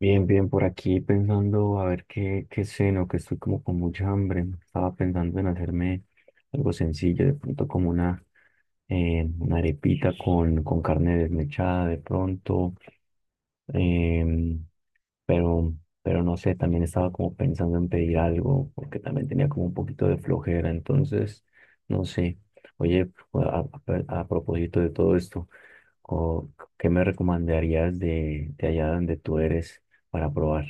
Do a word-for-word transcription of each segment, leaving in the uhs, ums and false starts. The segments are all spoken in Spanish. Bien, bien por aquí pensando a ver qué qué cena o que estoy como con mucha hambre. Estaba pensando en hacerme algo sencillo, de pronto como una eh, una arepita con con carne desmechada de pronto. em, pero pero no sé, también estaba como pensando en pedir algo porque también tenía como un poquito de flojera, entonces no sé. Oye, a a- a propósito de todo esto, ¿o qué me recomendarías de, de allá donde tú eres para probar?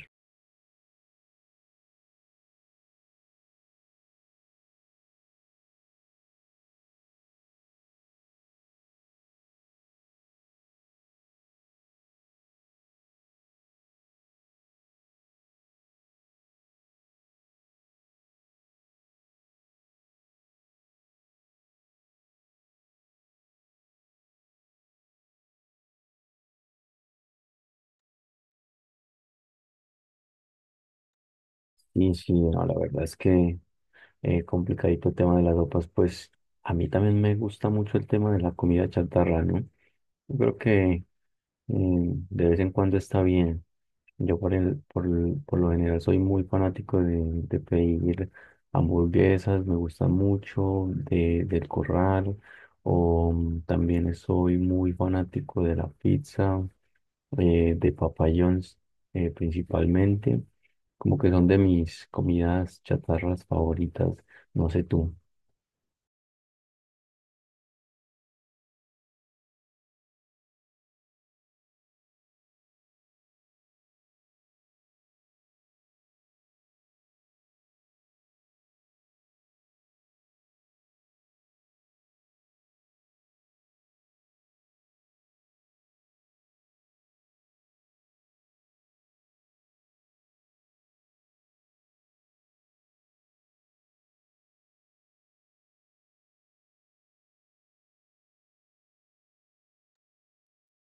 Y sí, no, la verdad es que eh, complicadito el tema de las sopas. Pues a mí también me gusta mucho el tema de la comida chatarra, ¿no? Yo creo que eh, de vez en cuando está bien. Yo por el, por el- por lo general soy muy fanático de, de pedir hamburguesas, me gusta mucho de, del Corral, o mm, también soy muy fanático de la pizza, eh, de Papa John's, eh, principalmente, como que son de mis comidas chatarras favoritas, no sé tú.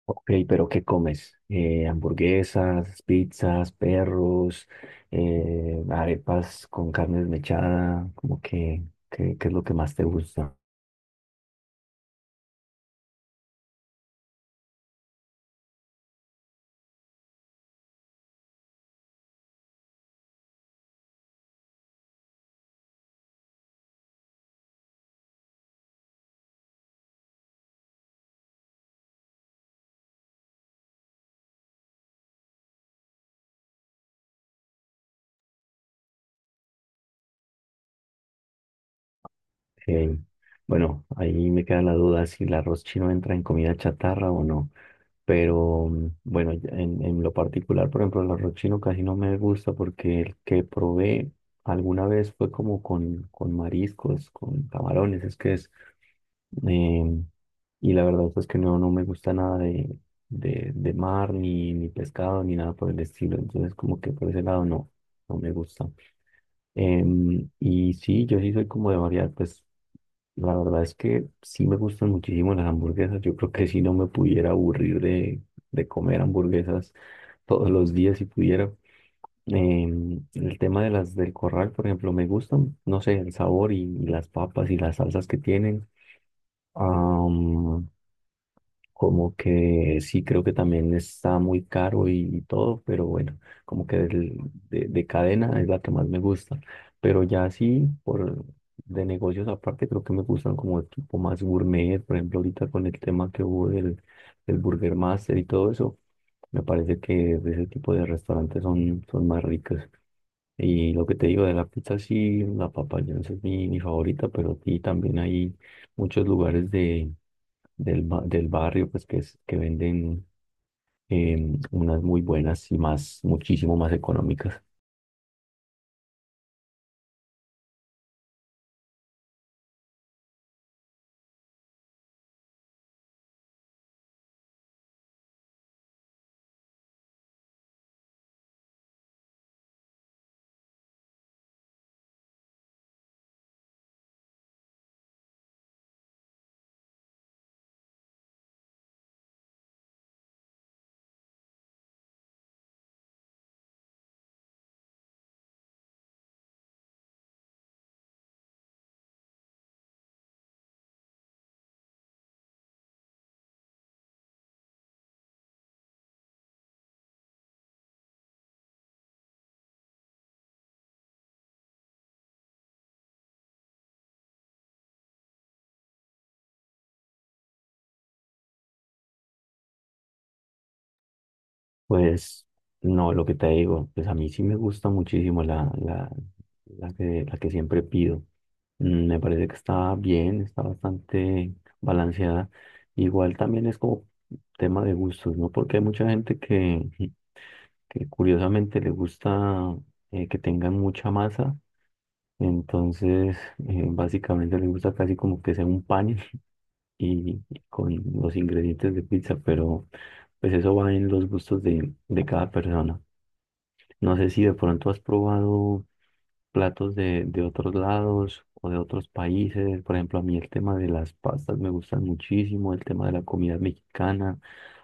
Ok, pero ¿qué comes? Eh, hamburguesas, pizzas, perros, eh, arepas con carne desmechada, como que, que- ¿qué es lo que más te gusta? Eh, bueno, ahí me queda la duda si el arroz chino entra en comida chatarra o no, pero mm, bueno, ya en, en lo particular, por ejemplo, el arroz chino casi no me gusta porque el que probé alguna vez fue como con, con mariscos, con camarones, es que es. Em, y la verdad es que no, no me gusta nada de, de, de mar, ni, ni pescado, ni nada por el estilo. Entonces, como que por ese lado no, no me gusta. Em, y sí, yo sí soy como de variedad. Pues la verdad es que sí me gustan muchísimo las hamburguesas. Yo creo que si no me pudiera aburrir de, de comer hamburguesas todos los días si pudiera. Em, el tema de las del Corral, por ejemplo, me gustan, no sé, el sabor y, y las papas y las salsas que tienen. Am, Como que sí creo que también está muy caro y, y todo, pero bueno, como que del- de, de cadena es la que más me gusta. Pero ya sí, por, de negocios aparte, creo que me gustan como de tipo más gourmet. Por ejemplo, ahorita con el tema que hubo del, del Burger Master y todo eso, me parece que ese tipo de restaurantes son, son más ricos. Y lo que te digo de la pizza, sí, la Papa John's es mi, mi favorita, pero aquí también hay muchos lugares de, del, ba- del barrio pues que, es- que venden em, unas muy buenas y más, muchísimo más económicas. Pues no, lo que te digo, pues a mí sí me gusta muchísimo la, la, la que, la que siempre pido. Mm, me parece que está bien, está bastante balanceada. Igual también es como tema de gustos, ¿no? Porque hay mucha gente que, que curiosamente le gusta eh, que tengan mucha masa, entonces eh, básicamente le gusta casi como que sea un pan y, y con los ingredientes de pizza, pero pues eso va en los gustos de, de cada persona. No sé si de pronto has probado platos de, de otros lados o de otros países. Por ejemplo, a mí el tema de las pastas me gustan muchísimo, el tema de la comida mexicana.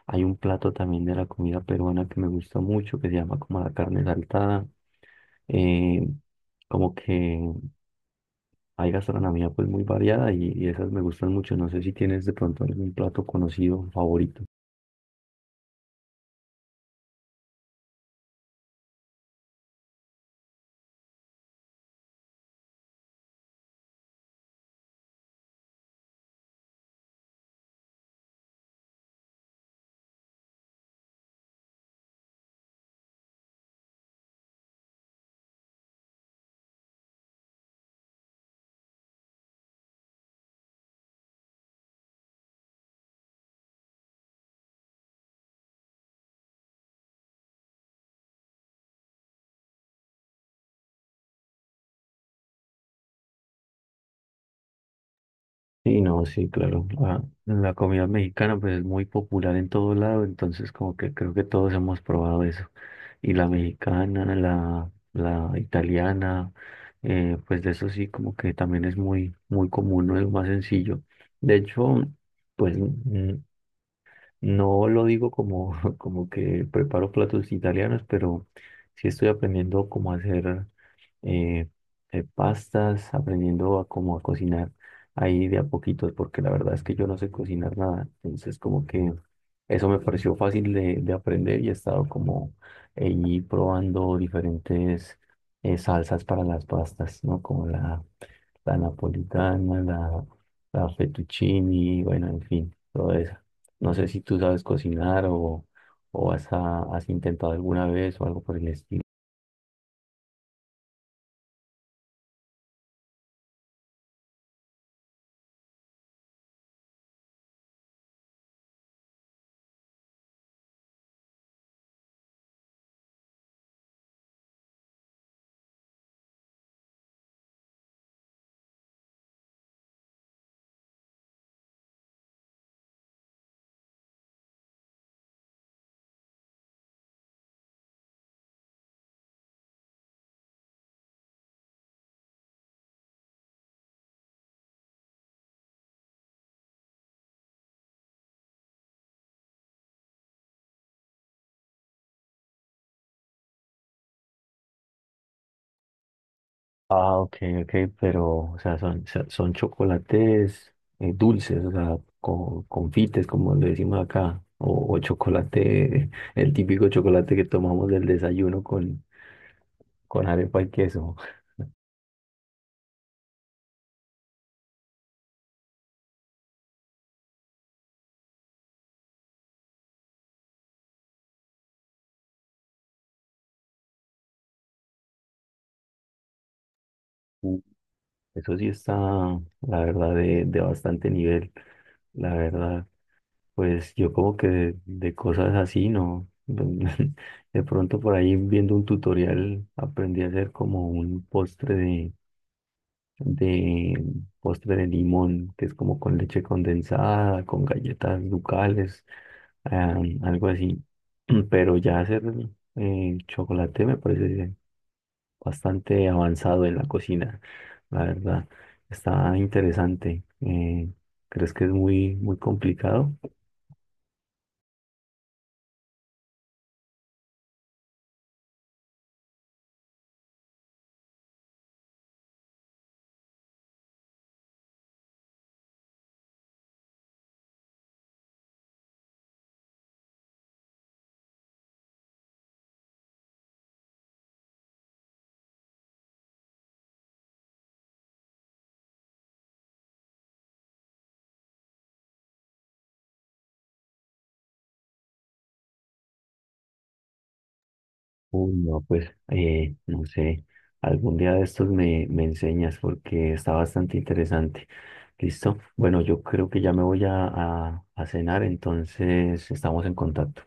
Hay un plato también de la comida peruana que me gusta mucho, que se llama como la carne saltada. Eh, Como que hay gastronomía pues muy variada y, y esas me gustan mucho. No sé si tienes de pronto algún plato conocido favorito. Sí, no, sí, claro. La, la comida mexicana pues es muy popular en todo lado, entonces como que creo que todos hemos probado eso. Y la mexicana, la, la italiana, eh, pues de eso sí como que también es muy, muy común, no es lo más sencillo. De hecho, pues mm, no lo digo como, como que preparo platos italianos, pero sí estoy aprendiendo cómo hacer eh, eh, pastas, aprendiendo a cómo a cocinar ahí de a poquitos, porque la verdad es que yo no sé cocinar nada. Entonces, como que eso me pareció fácil de, de aprender y he estado como ahí probando diferentes eh, salsas para las pastas, ¿no? Como la, la napolitana, la, la fettuccini, bueno, en fin, todo eso. No sé si tú sabes cocinar o, o has, ah, has intentado alguna vez o algo por el estilo. Ah, ok, ok, pero, o sea, son, son son chocolates eh, dulces, o sea, co- confites, como le decimos acá, o, o chocolate, el típico chocolate que tomamos del desayuno con, con arepa y queso. Uh, Eso sí está, la verdad, de, de bastante nivel, la verdad. Pues yo como que de, de cosas así, ¿no? De pronto por ahí viendo un tutorial aprendí a hacer como un postre de, de postre de limón, que es como con leche condensada, con galletas ducales, ah, algo así. Pero ya hacer eh, chocolate me parece bastante avanzado en la cocina, la verdad. Está interesante. Eh, ¿crees que es muy, muy complicado? Uy, no, pues eh, no sé, algún día de estos me, me enseñas porque está bastante interesante. ¿Listo? Bueno, yo creo que ya me voy a, a a cenar, entonces estamos en contacto.